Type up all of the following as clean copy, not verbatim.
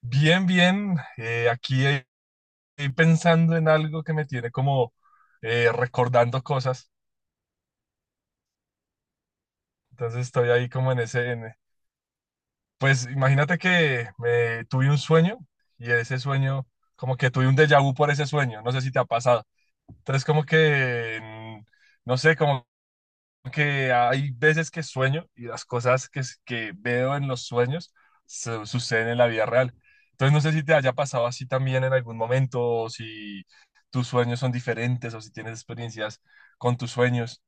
Bien, bien. Aquí estoy pensando en algo que me tiene como recordando cosas. Entonces estoy ahí como en ese... en- pues imagínate que me tuve un sueño y ese sueño, como que tuve un déjà vu por ese sueño. No sé si te ha pasado. Entonces como que, mm, no sé, como que hay veces que sueño y las cosas que veo en los sueños suceden en la vida real. Entonces no sé si te haya pasado así también en algún momento, o si tus sueños son diferentes, o si tienes experiencias con tus sueños.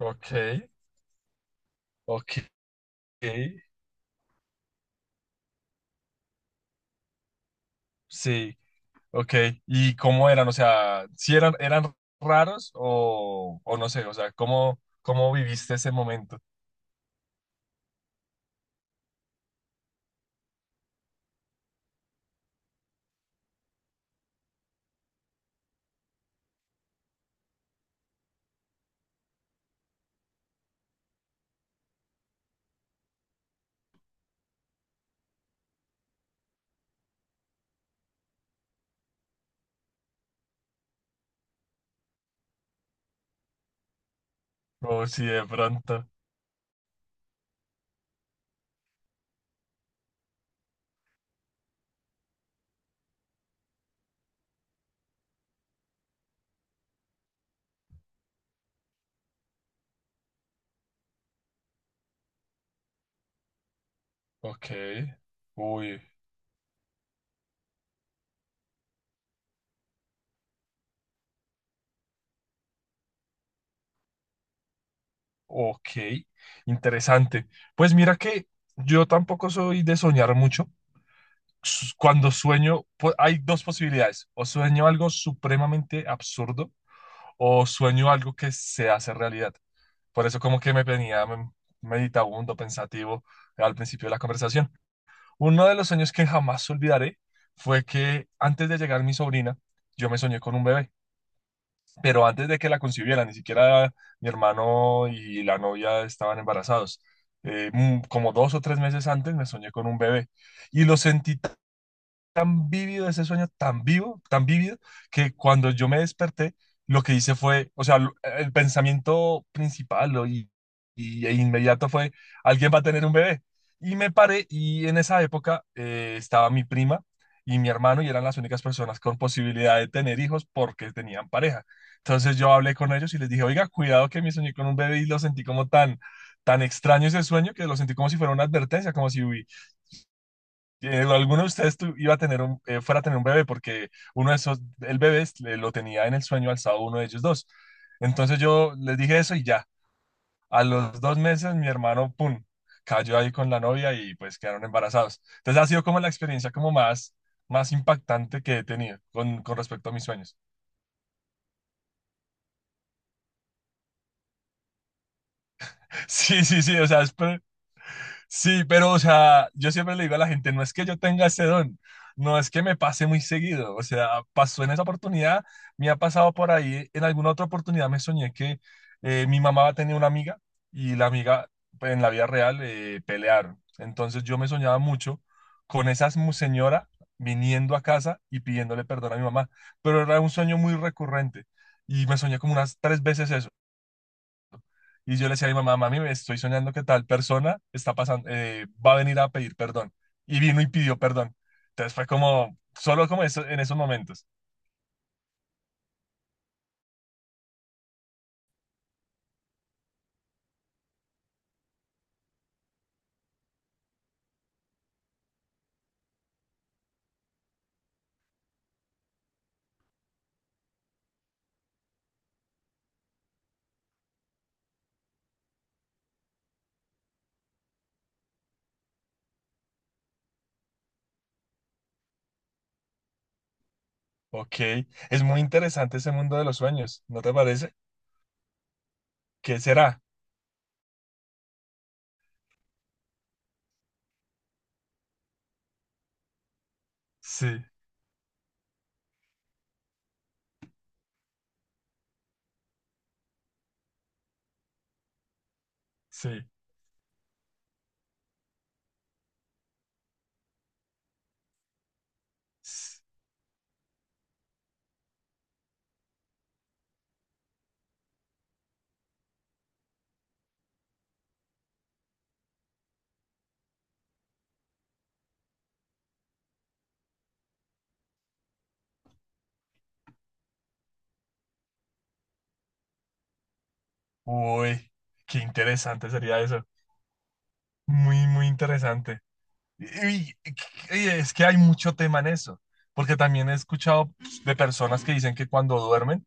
Ok, ok, sí, ok. ¿Y cómo eran? O sea, si eran raros o no sé, o sea, ¿cómo viviste ese momento? O si de pronto, ok, uy. Ok, interesante. Pues mira que yo tampoco soy de soñar mucho. Cuando sueño, hay dos posibilidades. O sueño algo supremamente absurdo o sueño algo que se hace realidad. Por eso como que me venía meditabundo, pensativo al principio de la conversación. Uno de los sueños que jamás olvidaré fue que antes de llegar mi sobrina, yo me soñé con un bebé, pero antes de que la concibiera, ni siquiera mi hermano y la novia estaban embarazados. Como dos o tres meses antes me soñé con un bebé y lo sentí tan vívido ese sueño, tan vivo, tan vívido, que cuando yo me desperté, lo que hice fue, o sea, el pensamiento principal e inmediato fue, alguien va a tener un bebé. Y me paré, y en esa época estaba mi prima y mi hermano y eran las únicas personas con posibilidad de tener hijos porque tenían pareja. Entonces yo hablé con ellos y les dije, oiga, cuidado que me soñé con un bebé y lo sentí como tan, tan extraño ese sueño, que lo sentí como si fuera una advertencia, como si alguno de ustedes iba a tener fuera a tener un bebé, porque uno de esos, el bebé lo tenía en el sueño alzado uno de ellos dos. Entonces yo les dije eso y ya, a los dos meses mi hermano, pum, cayó ahí con la novia y pues quedaron embarazados. Entonces ha sido como la experiencia como más, más impactante que he tenido con respecto a mis sueños. Sí, sí, sí, o sea, sí, pero, o sea, yo siempre le digo a la gente, no es que yo tenga ese don, no es que me pase muy seguido, o sea, pasó en esa oportunidad. Me ha pasado por ahí, en alguna otra oportunidad me soñé que mi mamá tenía una amiga y la amiga pues, en la vida real pelearon. Entonces yo me soñaba mucho con esa señora viniendo a casa y pidiéndole perdón a mi mamá, pero era un sueño muy recurrente y me soñé como unas tres veces eso. Y yo le decía a mi mamá, mami, me estoy soñando que tal persona está pasando, va a venir a pedir perdón. Y vino y pidió perdón. Entonces fue como, solo como eso, en esos momentos. Ok, es muy interesante ese mundo de los sueños, ¿no te parece? ¿Qué será? Sí, sí. s- Uy, qué interesante sería eso. Muy, muy interesante. Y, y- y es que hay mucho tema en eso, porque también he escuchado pues, de personas que dicen que cuando duermen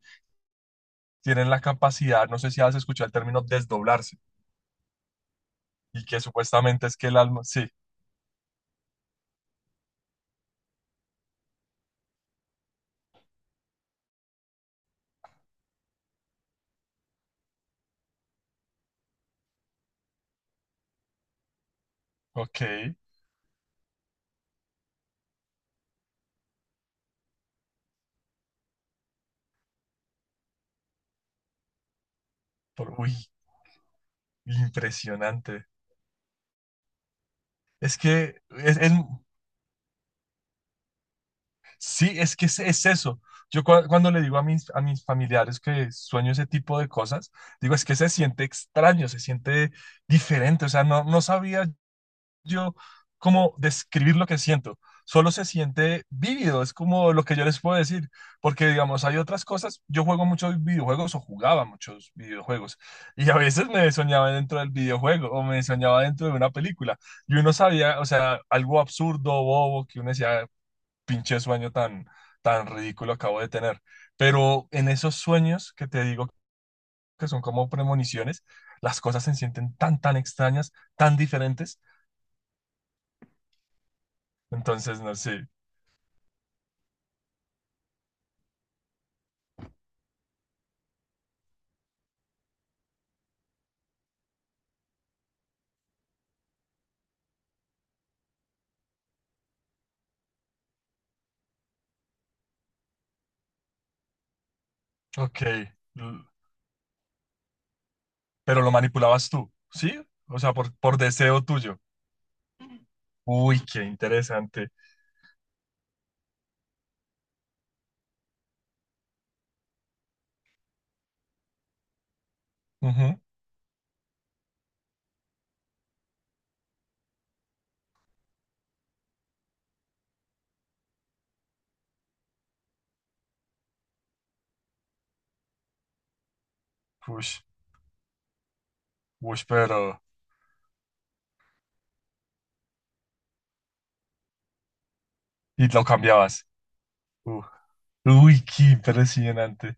tienen la capacidad, no sé si has escuchado el término desdoblarse. Y que supuestamente es que el alma, sí, ok, uy, impresionante. Es que, es- Sí, es que es eso. Yo cuando le digo a mis familiares que sueño ese tipo de cosas, digo, es que se siente extraño, se siente diferente. O sea, no, no sabía yo cómo describir lo que siento. Solo se siente vívido, es como lo que yo les puedo decir, porque digamos, hay otras cosas, yo juego muchos videojuegos o jugaba muchos videojuegos, y a veces me soñaba dentro del videojuego o me soñaba dentro de una película, y uno sabía, o sea, algo absurdo, bobo, que uno decía, pinche sueño tan, tan ridículo acabo de tener. Pero en esos sueños que te digo que son como premoniciones, las cosas se sienten tan, tan extrañas, tan diferentes. Entonces, no sé, ok, pero lo manipulabas tú, ¿sí? O sea, por deseo tuyo. Uy, qué interesante. Ujú. Ush, ush, pero... Y lo cambiabas. Uh, Uy, qué impresionante.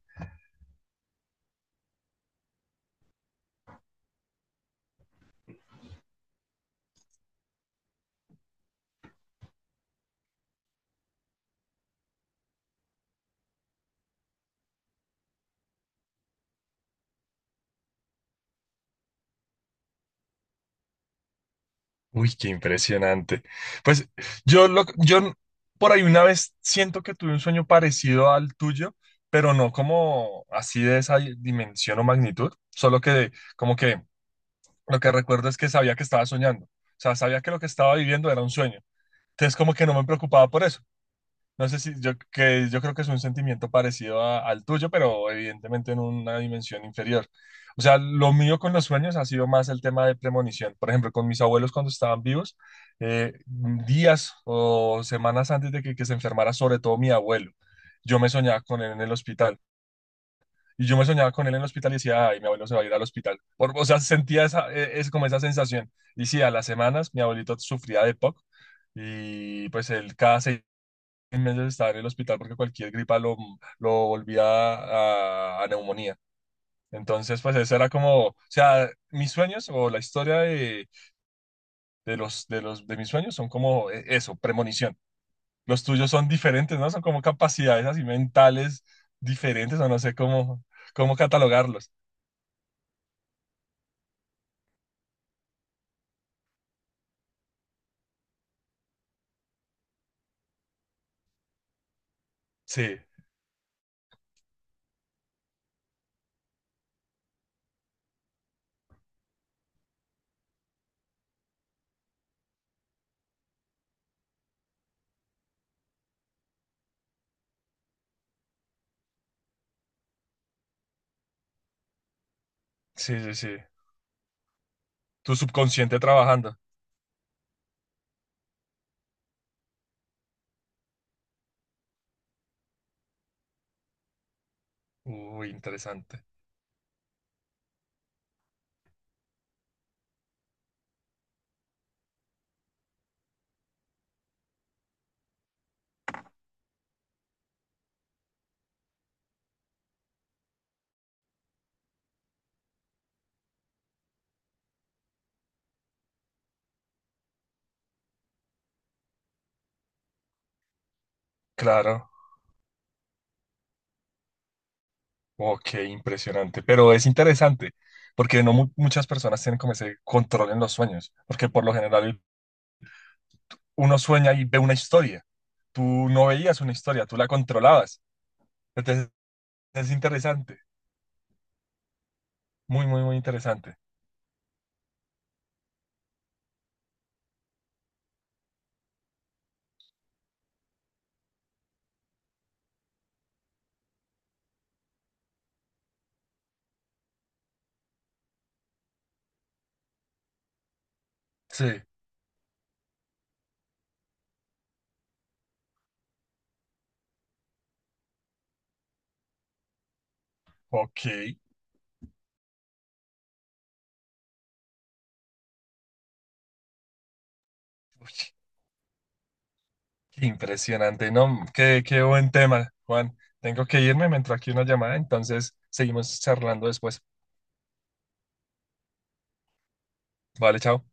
Uy, qué impresionante. Pues yo por ahí una vez siento que tuve un sueño parecido al tuyo, pero no como así de esa dimensión o magnitud, solo que como que lo que recuerdo es que sabía que estaba soñando. O sea, sabía que lo que estaba viviendo era un sueño. Entonces como que no me preocupaba por eso. No sé si yo, que yo creo que es un sentimiento parecido al tuyo, pero evidentemente en una dimensión inferior. O sea, lo mío con los sueños ha sido más el tema de premonición. Por ejemplo, con mis abuelos cuando estaban vivos, días o semanas antes de que se enfermara, sobre todo mi abuelo, yo me soñaba con él en el hospital. Y yo me soñaba con él en el hospital y decía, ay, mi abuelo se va a ir al hospital. O sea, sentía esa, es como esa sensación. Y sí, a las semanas mi abuelito sufría de POC, y pues él cada seis en meses estaba en el hospital porque cualquier gripa lo volvía a neumonía. Entonces, pues eso era como, o sea, mis sueños o la historia de mis sueños son como eso, premonición. Los tuyos son diferentes, ¿no? Son como capacidades así mentales diferentes, o no sé cómo catalogarlos. Sí, sí, sí, sí. Tu subconsciente trabajando. Uy, interesante. Claro. Ok, impresionante, pero es interesante porque no muchas personas tienen como ese control en los sueños, porque por lo general uno sueña y ve una historia. Tú no veías una historia, tú la controlabas. Entonces es interesante, muy, muy, muy interesante. Sí, ok, qué impresionante, ¿no? Qué buen tema, Juan. Tengo que irme, me entró aquí una llamada, entonces seguimos charlando después. Vale, chao.